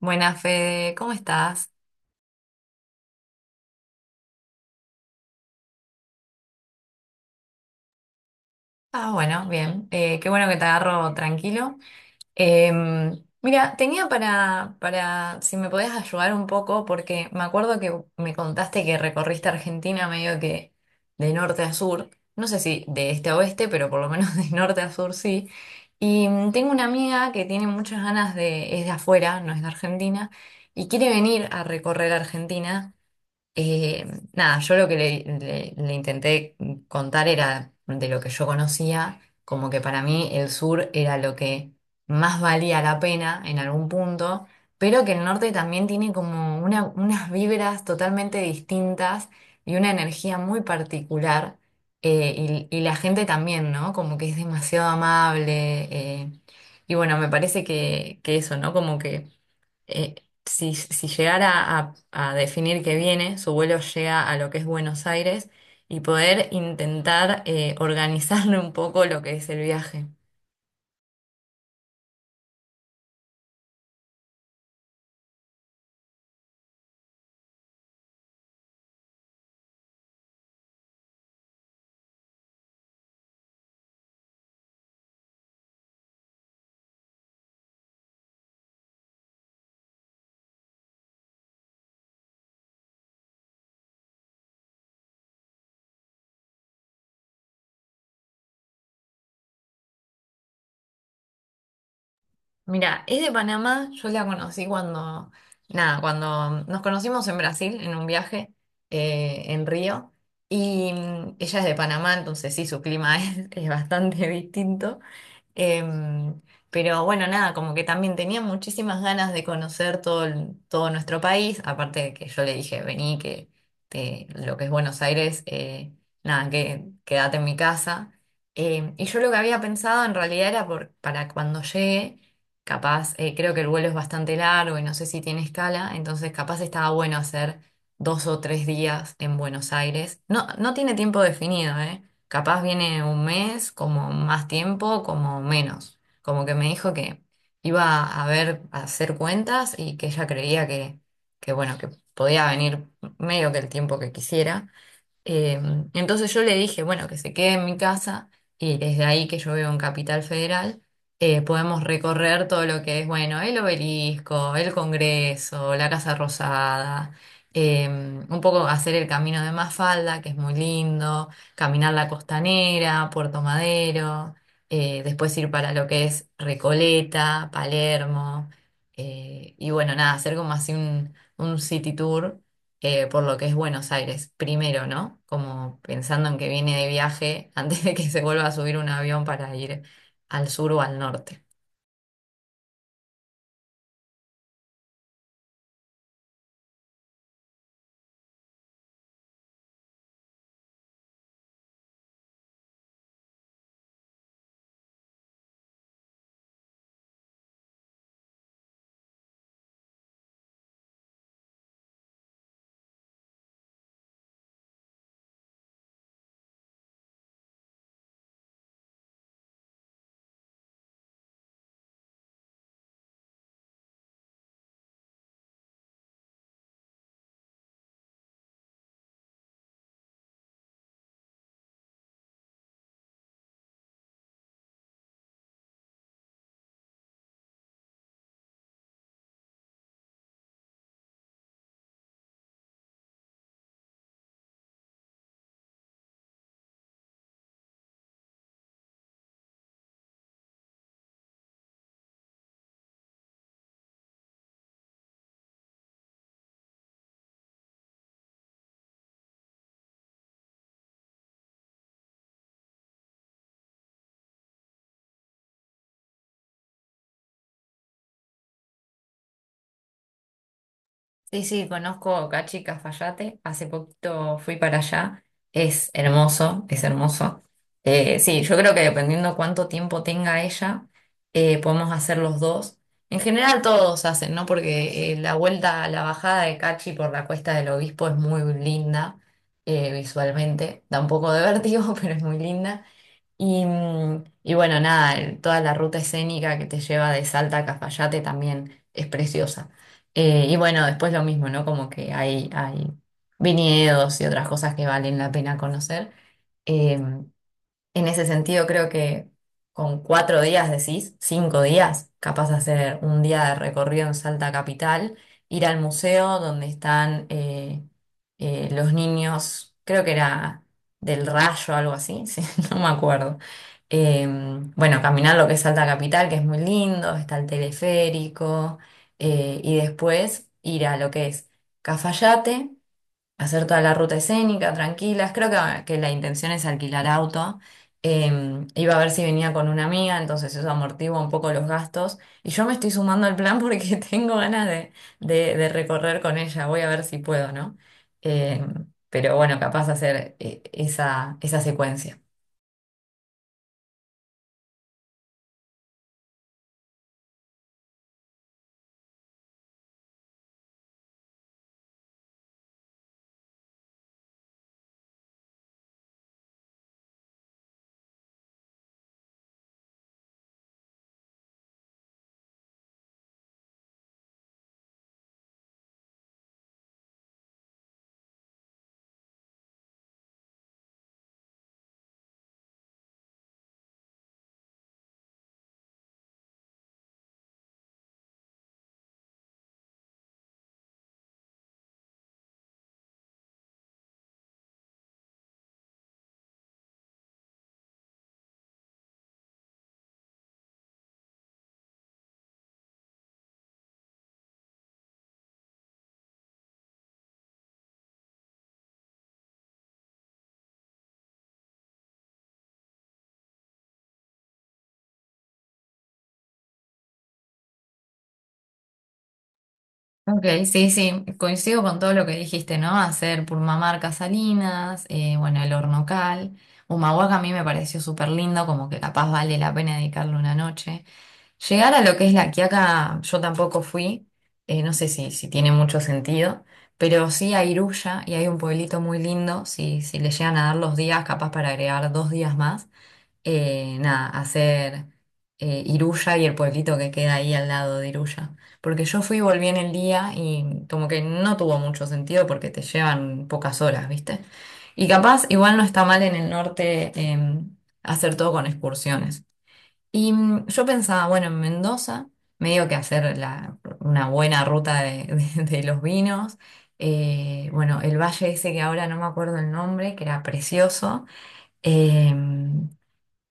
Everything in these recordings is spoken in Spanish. Buenas, Fede, ¿cómo estás? Ah, bueno, bien. Qué bueno que te agarro tranquilo. Em, mira, tenía para, si me podías ayudar un poco, porque me acuerdo que me contaste que recorriste Argentina medio que de norte a sur. No sé si de este a oeste, pero por lo menos de norte a sur sí. Y tengo una amiga que tiene muchas ganas de, es de afuera, no es de Argentina, y quiere venir a recorrer Argentina. Eh, nada, yo lo que le, le intenté contar era de lo que yo conocía, como que para mí el sur era lo que más valía la pena en algún punto, pero que el norte también tiene como unas vibras totalmente distintas y una energía muy particular, y la gente también, ¿no? Como que es demasiado amable, y bueno, me parece que eso, ¿no? Como que eh, si, si llegara a definir que viene, su vuelo llega a lo que es Buenos Aires y poder intentar organizarle un poco lo que es el viaje. Mira, es de Panamá, yo la conocí cuando, nada, cuando nos conocimos en Brasil en un viaje en Río y ella es de Panamá, entonces sí, su clima es bastante distinto. Em, pero bueno, nada, como que también tenía muchísimas ganas de conocer todo, todo nuestro país, aparte de que yo le dije, vení, que lo que es Buenos Aires, nada, que quédate en mi casa. Y yo lo que había pensado en realidad era por, para cuando llegue, capaz, creo que el vuelo es bastante largo y no sé si tiene escala, entonces capaz estaba bueno hacer dos o tres días en Buenos Aires. No, no tiene tiempo definido, ¿eh? Capaz viene un mes, como más tiempo, como menos. Como que me dijo que iba a ver, a hacer cuentas y que ella creía que bueno, que podía venir medio que el tiempo que quisiera. Eh, entonces yo le dije, bueno, que se quede en mi casa y desde ahí que yo vivo en Capital Federal, podemos recorrer todo lo que es, bueno, el obelisco, el Congreso, la Casa Rosada, un poco hacer el camino de Mafalda, que es muy lindo, caminar la Costanera, Puerto Madero, después ir para lo que es Recoleta, Palermo, y bueno, nada, hacer como así un city tour por lo que es Buenos Aires, primero, ¿no? Como pensando en que viene de viaje antes de que se vuelva a subir un avión para ir al sur o al norte. Sí, sí, conozco Cachi Cafayate. Hace poquito fui para allá. Es hermoso, es hermoso. Sí, yo creo que dependiendo cuánto tiempo tenga ella, podemos hacer los dos. En general todos hacen, ¿no? Porque la vuelta, la bajada de Cachi por la Cuesta del Obispo es muy linda visualmente. Da un poco de vértigo, pero es muy linda. Y, y bueno, nada, toda la ruta escénica que te lleva de Salta a Cafayate también es preciosa. Y bueno, después lo mismo, ¿no? Como que hay viñedos y otras cosas que valen la pena conocer. Eh, en ese sentido, creo que con cuatro días, decís, cinco días, capaz de hacer un día de recorrido en Salta Capital, ir al museo donde están los niños, creo que era del Rayo o algo así, sí, no me acuerdo. Eh, bueno, caminar lo que es Salta Capital, que es muy lindo, está el teleférico, y después ir a lo que es Cafayate hacer toda la ruta escénica, tranquilas. Creo que la intención es alquilar auto. Eh, iba a ver si venía con una amiga, entonces eso amortigua un poco los gastos. Y yo me estoy sumando al plan porque tengo ganas de, de recorrer con ella. Voy a ver si puedo, ¿no? Eh, pero bueno, capaz hacer esa, esa secuencia. Ok, sí, sí, coincido con todo lo que dijiste, ¿no? Hacer Purmamarca Salinas, bueno, el Hornocal, Humahuaca a mí me pareció súper lindo, como que capaz vale la pena dedicarle una noche. Llegar a lo que es la Quiaca, yo tampoco fui, no sé si, si tiene mucho sentido, pero sí a Iruya y hay un pueblito muy lindo, si, si le llegan a dar los días, capaz para agregar dos días más, nada, hacer Iruya y el pueblito que queda ahí al lado de Iruya. Porque yo fui y volví en el día y como que no tuvo mucho sentido porque te llevan pocas horas, ¿viste? Y capaz igual no está mal en el norte hacer todo con excursiones. Y yo pensaba, bueno, en Mendoza, medio que hacer una buena ruta de, de los vinos. Bueno, el valle ese que ahora no me acuerdo el nombre, que era precioso. em,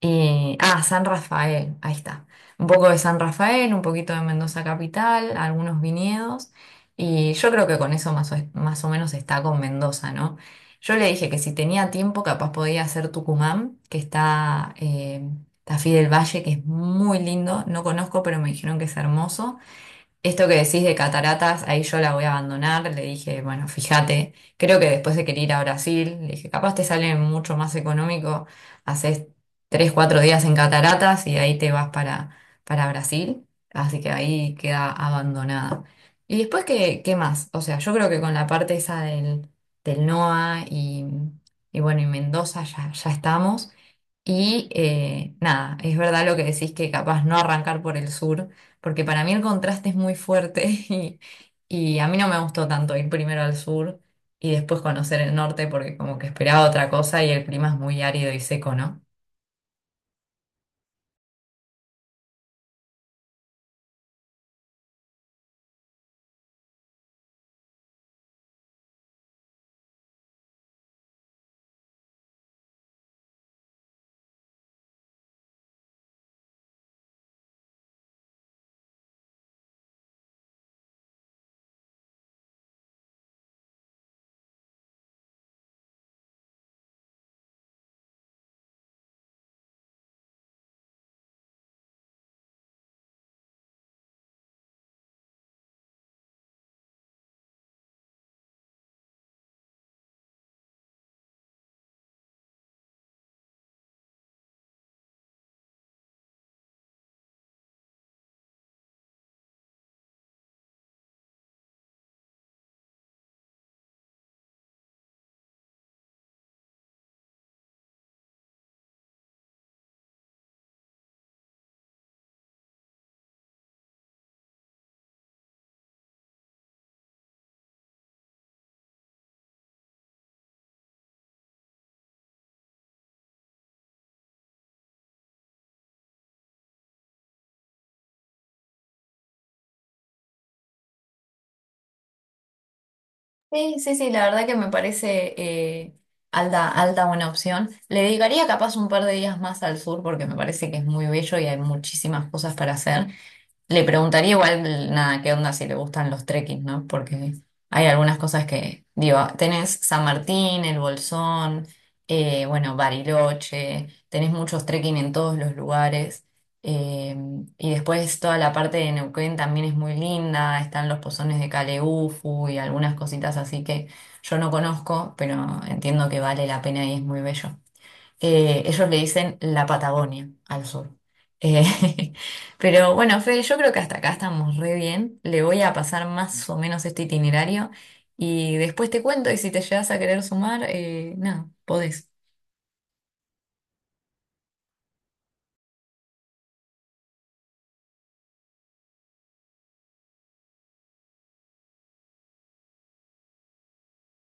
San Rafael, ahí está. Un poco de San Rafael, un poquito de Mendoza Capital, algunos viñedos. Y yo creo que con eso más o, más o menos está con Mendoza, ¿no? Yo le dije que si tenía tiempo, capaz podía hacer Tucumán, que está Tafí del Valle, que es muy lindo. No conozco, pero me dijeron que es hermoso. Esto que decís de cataratas, ahí yo la voy a abandonar. Le dije, bueno, fíjate, creo que después de querer ir a Brasil, le dije, capaz te sale mucho más económico, haces tres, cuatro días en cataratas y de ahí te vas para Brasil. Así que ahí queda abandonada. Y después, ¿qué, qué más? O sea, yo creo que con la parte esa del, del NOA y bueno, y Mendoza ya, ya estamos. Y nada, es verdad lo que decís que capaz no arrancar por el sur porque para mí el contraste es muy fuerte y a mí no me gustó tanto ir primero al sur y después conocer el norte porque como que esperaba otra cosa y el clima es muy árido y seco, ¿no? Sí, sí, sí, la verdad que me parece alta, alta buena opción. Le dedicaría capaz un par de días más al sur porque me parece que es muy bello y hay muchísimas cosas para hacer. Le preguntaría igual, nada, qué onda si le gustan los trekking, ¿no? Porque hay algunas cosas que, digo, tenés San Martín, El Bolsón, bueno, Bariloche, tenés muchos trekking en todos los lugares. eh, y después toda la parte de Neuquén también es muy linda, están los pozones de Caleufu y algunas cositas así que yo no conozco, pero entiendo que vale la pena y es muy bello. Ellos le dicen la Patagonia al sur. Eh, pero bueno, Fede, yo creo que hasta acá estamos re bien. Le voy a pasar más o menos este itinerario y después te cuento y si te llegas a querer sumar, nada, podés.